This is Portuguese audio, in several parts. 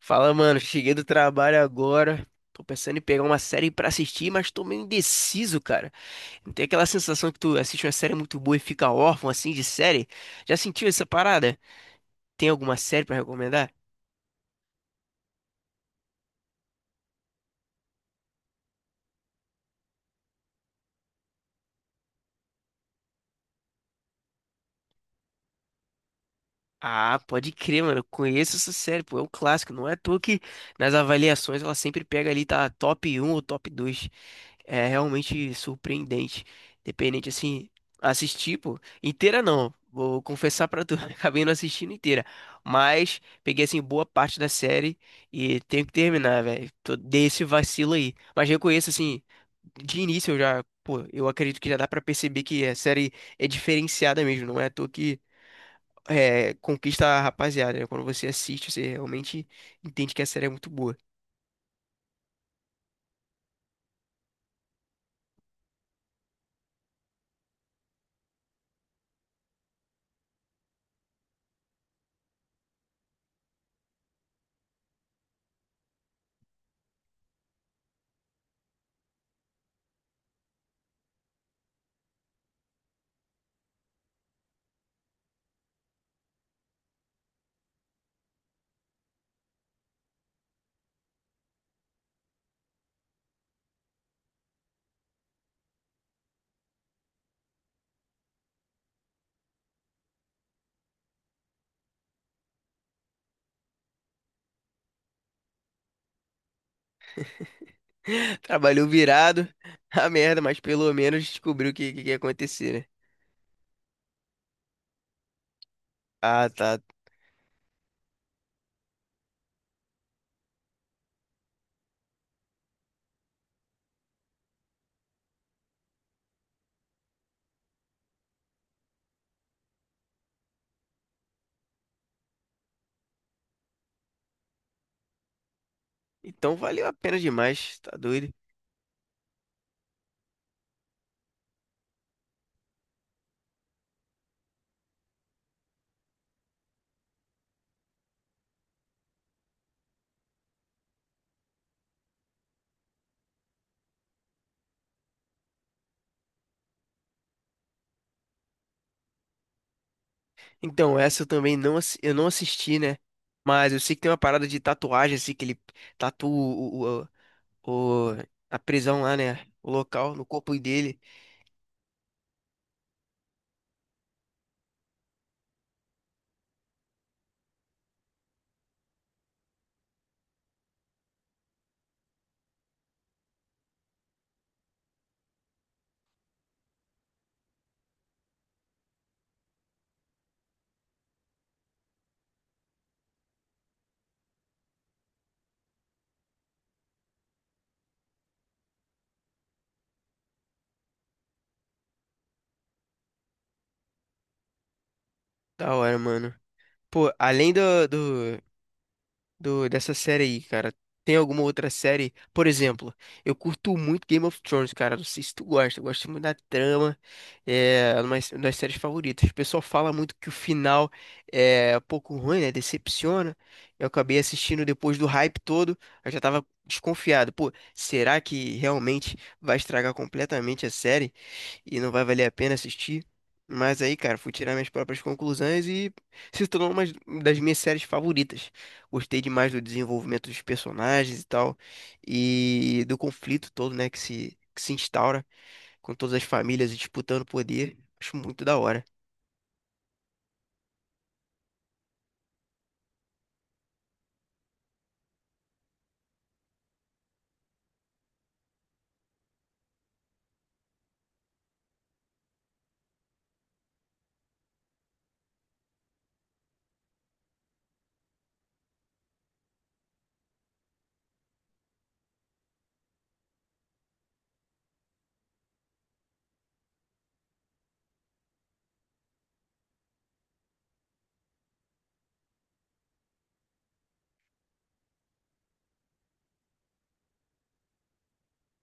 Fala, mano. Cheguei do trabalho agora. Tô pensando em pegar uma série pra assistir, mas tô meio indeciso, cara. Não tem aquela sensação que tu assiste uma série muito boa e fica órfão assim de série? Já sentiu essa parada? Tem alguma série pra recomendar? Ah, pode crer, mano. Eu conheço essa série, pô. É um clássico. Não é à toa que nas avaliações ela sempre pega ali, tá top um ou top dois. É realmente surpreendente. Dependente, assim, assistir, pô, inteira não. Vou confessar pra tu, acabei não assistindo inteira. Mas peguei, assim, boa parte da série e tenho que terminar, velho. Dei esse vacilo aí. Mas reconheço, assim, de início eu já, pô, eu acredito que já dá pra perceber que a série é diferenciada mesmo. Não é à toa que é, conquista a rapaziada, né? Quando você assiste, você realmente entende que a série é muito boa. Trabalhou virado, a merda, mas pelo menos descobriu que que ia acontecer, né? Ah, tá. Então valeu a pena demais, tá doido? Então, essa eu também não, eu não assisti, né? Mas eu sei que tem uma parada de tatuagem, assim, que ele tatua o, o- o- a prisão lá, né? O local, no corpo dele. Da hora, mano. Pô, além do, dessa série aí, cara. Tem alguma outra série? Por exemplo, eu curto muito Game of Thrones, cara. Não sei se tu gosta, eu gosto muito da trama. É uma das séries favoritas. O pessoal fala muito que o final é um pouco ruim, né? Decepciona. Eu acabei assistindo depois do hype todo. Eu já tava desconfiado. Pô, será que realmente vai estragar completamente a série e não vai valer a pena assistir? Mas aí, cara, fui tirar minhas próprias conclusões e se tornou uma das minhas séries favoritas. Gostei demais do desenvolvimento dos personagens e tal, e do conflito todo, né, que se instaura com todas as famílias disputando poder. Acho muito da hora.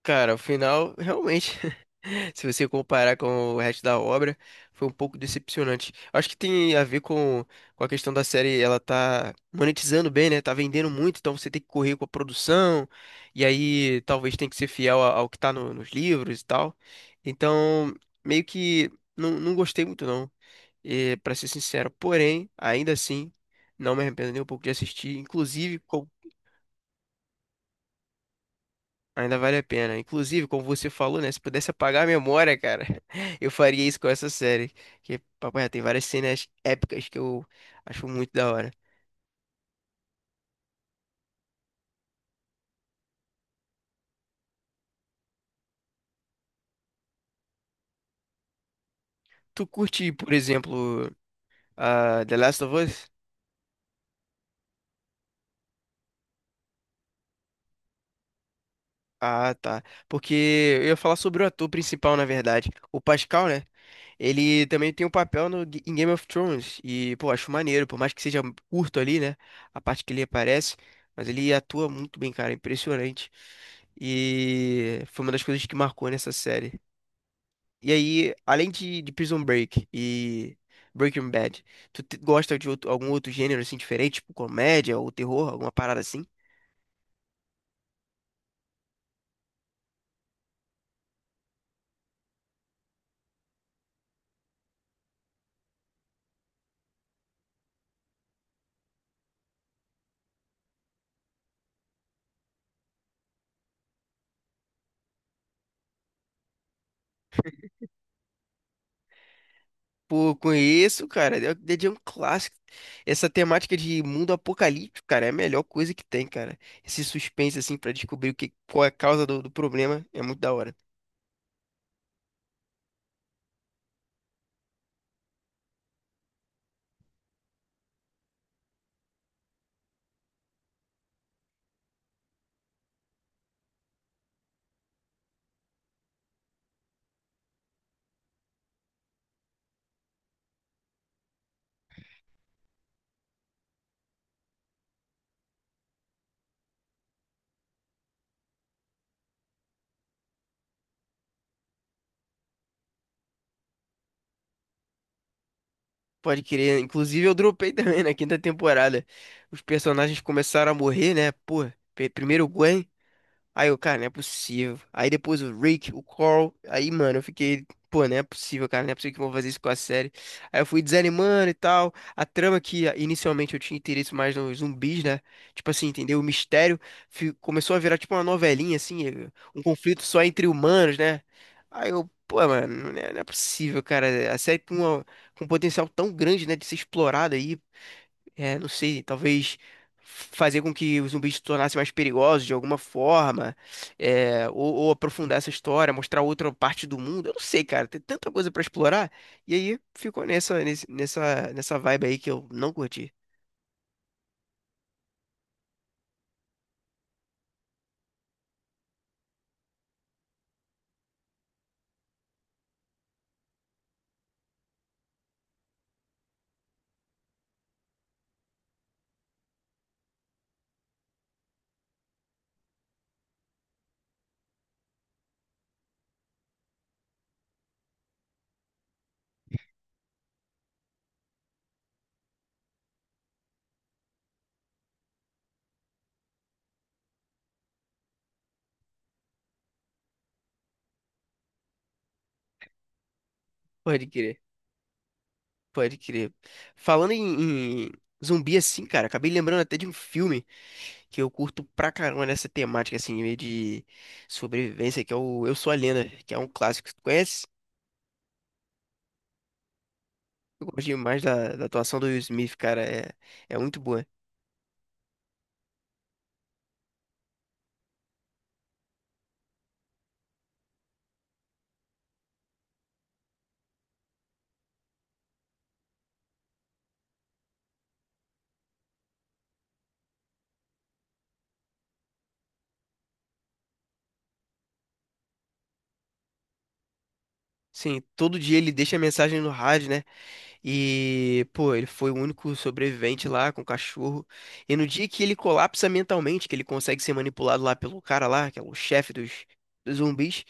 Cara, o final, realmente, se você comparar com o resto da obra, foi um pouco decepcionante. Acho que tem a ver com a questão da série, ela tá monetizando bem, né? Tá vendendo muito, então você tem que correr com a produção, e aí talvez tem que ser fiel ao que tá nos livros e tal. Então, meio que não gostei muito, não, e, pra ser sincero. Porém, ainda assim, não me arrependo nem um pouco de assistir. Inclusive, ainda vale a pena. Inclusive, como você falou, né? Se pudesse apagar a memória, cara, eu faria isso com essa série. Que, papai, tem várias cenas épicas que eu acho muito da hora. Tu curte, por exemplo, a The Last of Us? Ah, tá. Porque eu ia falar sobre o ator principal, na verdade. O Pascal, né? Ele também tem um papel no, G- em Game of Thrones. E, pô, acho maneiro. Por mais que seja curto ali, né? A parte que ele aparece. Mas ele atua muito bem, cara. Impressionante. E foi uma das coisas que marcou nessa série. E aí, além de Prison Break e Breaking Bad, tu gosta de algum outro gênero, assim, diferente? Tipo comédia ou terror? Alguma parada assim? Pô, conheço, cara. The Walking Dead é um clássico. Essa temática de mundo apocalíptico, cara, é a melhor coisa que tem, cara. Esse suspense, assim, pra descobrir o que, qual é a causa do problema, é muito da hora. Pode crer. Inclusive, eu dropei também na quinta temporada. Os personagens começaram a morrer, né? Pô, primeiro o Gwen. Aí eu, cara, não é possível. Aí depois o Rick, o Carl. Aí, mano, eu fiquei, pô, não é possível, cara, não é possível que vão fazer isso com a série. Aí eu fui desanimando e tal. A trama que ah, inicialmente eu tinha interesse mais nos zumbis, né? Tipo assim, entendeu? O mistério começou a virar tipo uma novelinha, assim, um conflito só entre humanos, né? Aí eu, pô, mano, não é possível, cara. A série com um potencial tão grande, né, de ser explorada aí. É, não sei, talvez fazer com que os zumbis se tornassem mais perigosos de alguma forma, é, ou aprofundar essa história, mostrar outra parte do mundo. Eu não sei, cara, tem tanta coisa pra explorar. E aí ficou nessa vibe aí que eu não curti. Pode crer, pode crer. Falando em zumbi assim, cara, acabei lembrando até de um filme que eu curto pra caramba nessa temática assim, meio de sobrevivência, que é o Eu Sou a Lenda, que é um clássico. Tu conhece? Eu gosto demais da atuação do Will Smith, cara. É, é muito boa. Sim, todo dia ele deixa a mensagem no rádio, né? E, pô, ele foi o único sobrevivente lá com o cachorro. E no dia que ele colapsa mentalmente, que ele consegue ser manipulado lá pelo cara lá, que é o chefe dos, dos zumbis,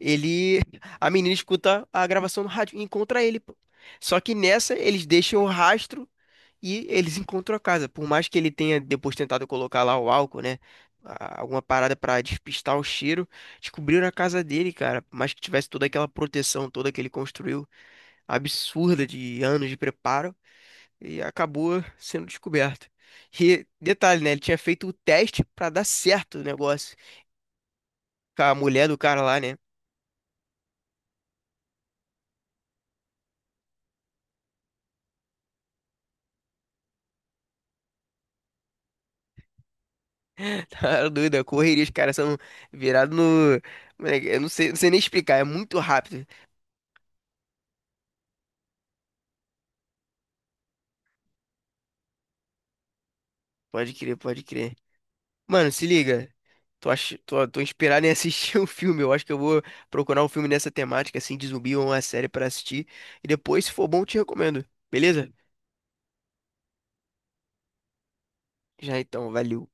ele. A menina escuta a gravação no rádio e encontra ele, pô. Só que nessa, eles deixam o rastro. E eles encontram a casa. Por mais que ele tenha depois tentado colocar lá o álcool, né? Alguma parada pra despistar o cheiro, descobriram a casa dele, cara. Por mais que tivesse toda aquela proteção toda que ele construiu, absurda de anos de preparo, e acabou sendo descoberto. E detalhe, né? Ele tinha feito o teste pra dar certo o negócio. Com a mulher do cara lá, né? Tá doida, correria. Os caras são virados no. Moleque, eu não sei, não sei nem explicar, é muito rápido. Pode crer, pode crer. Mano, se liga. Tô inspirado em assistir um filme. Eu acho que eu vou procurar um filme nessa temática, assim, de zumbi ou uma série pra assistir. E depois, se for bom, eu te recomendo. Beleza? Já então, valeu.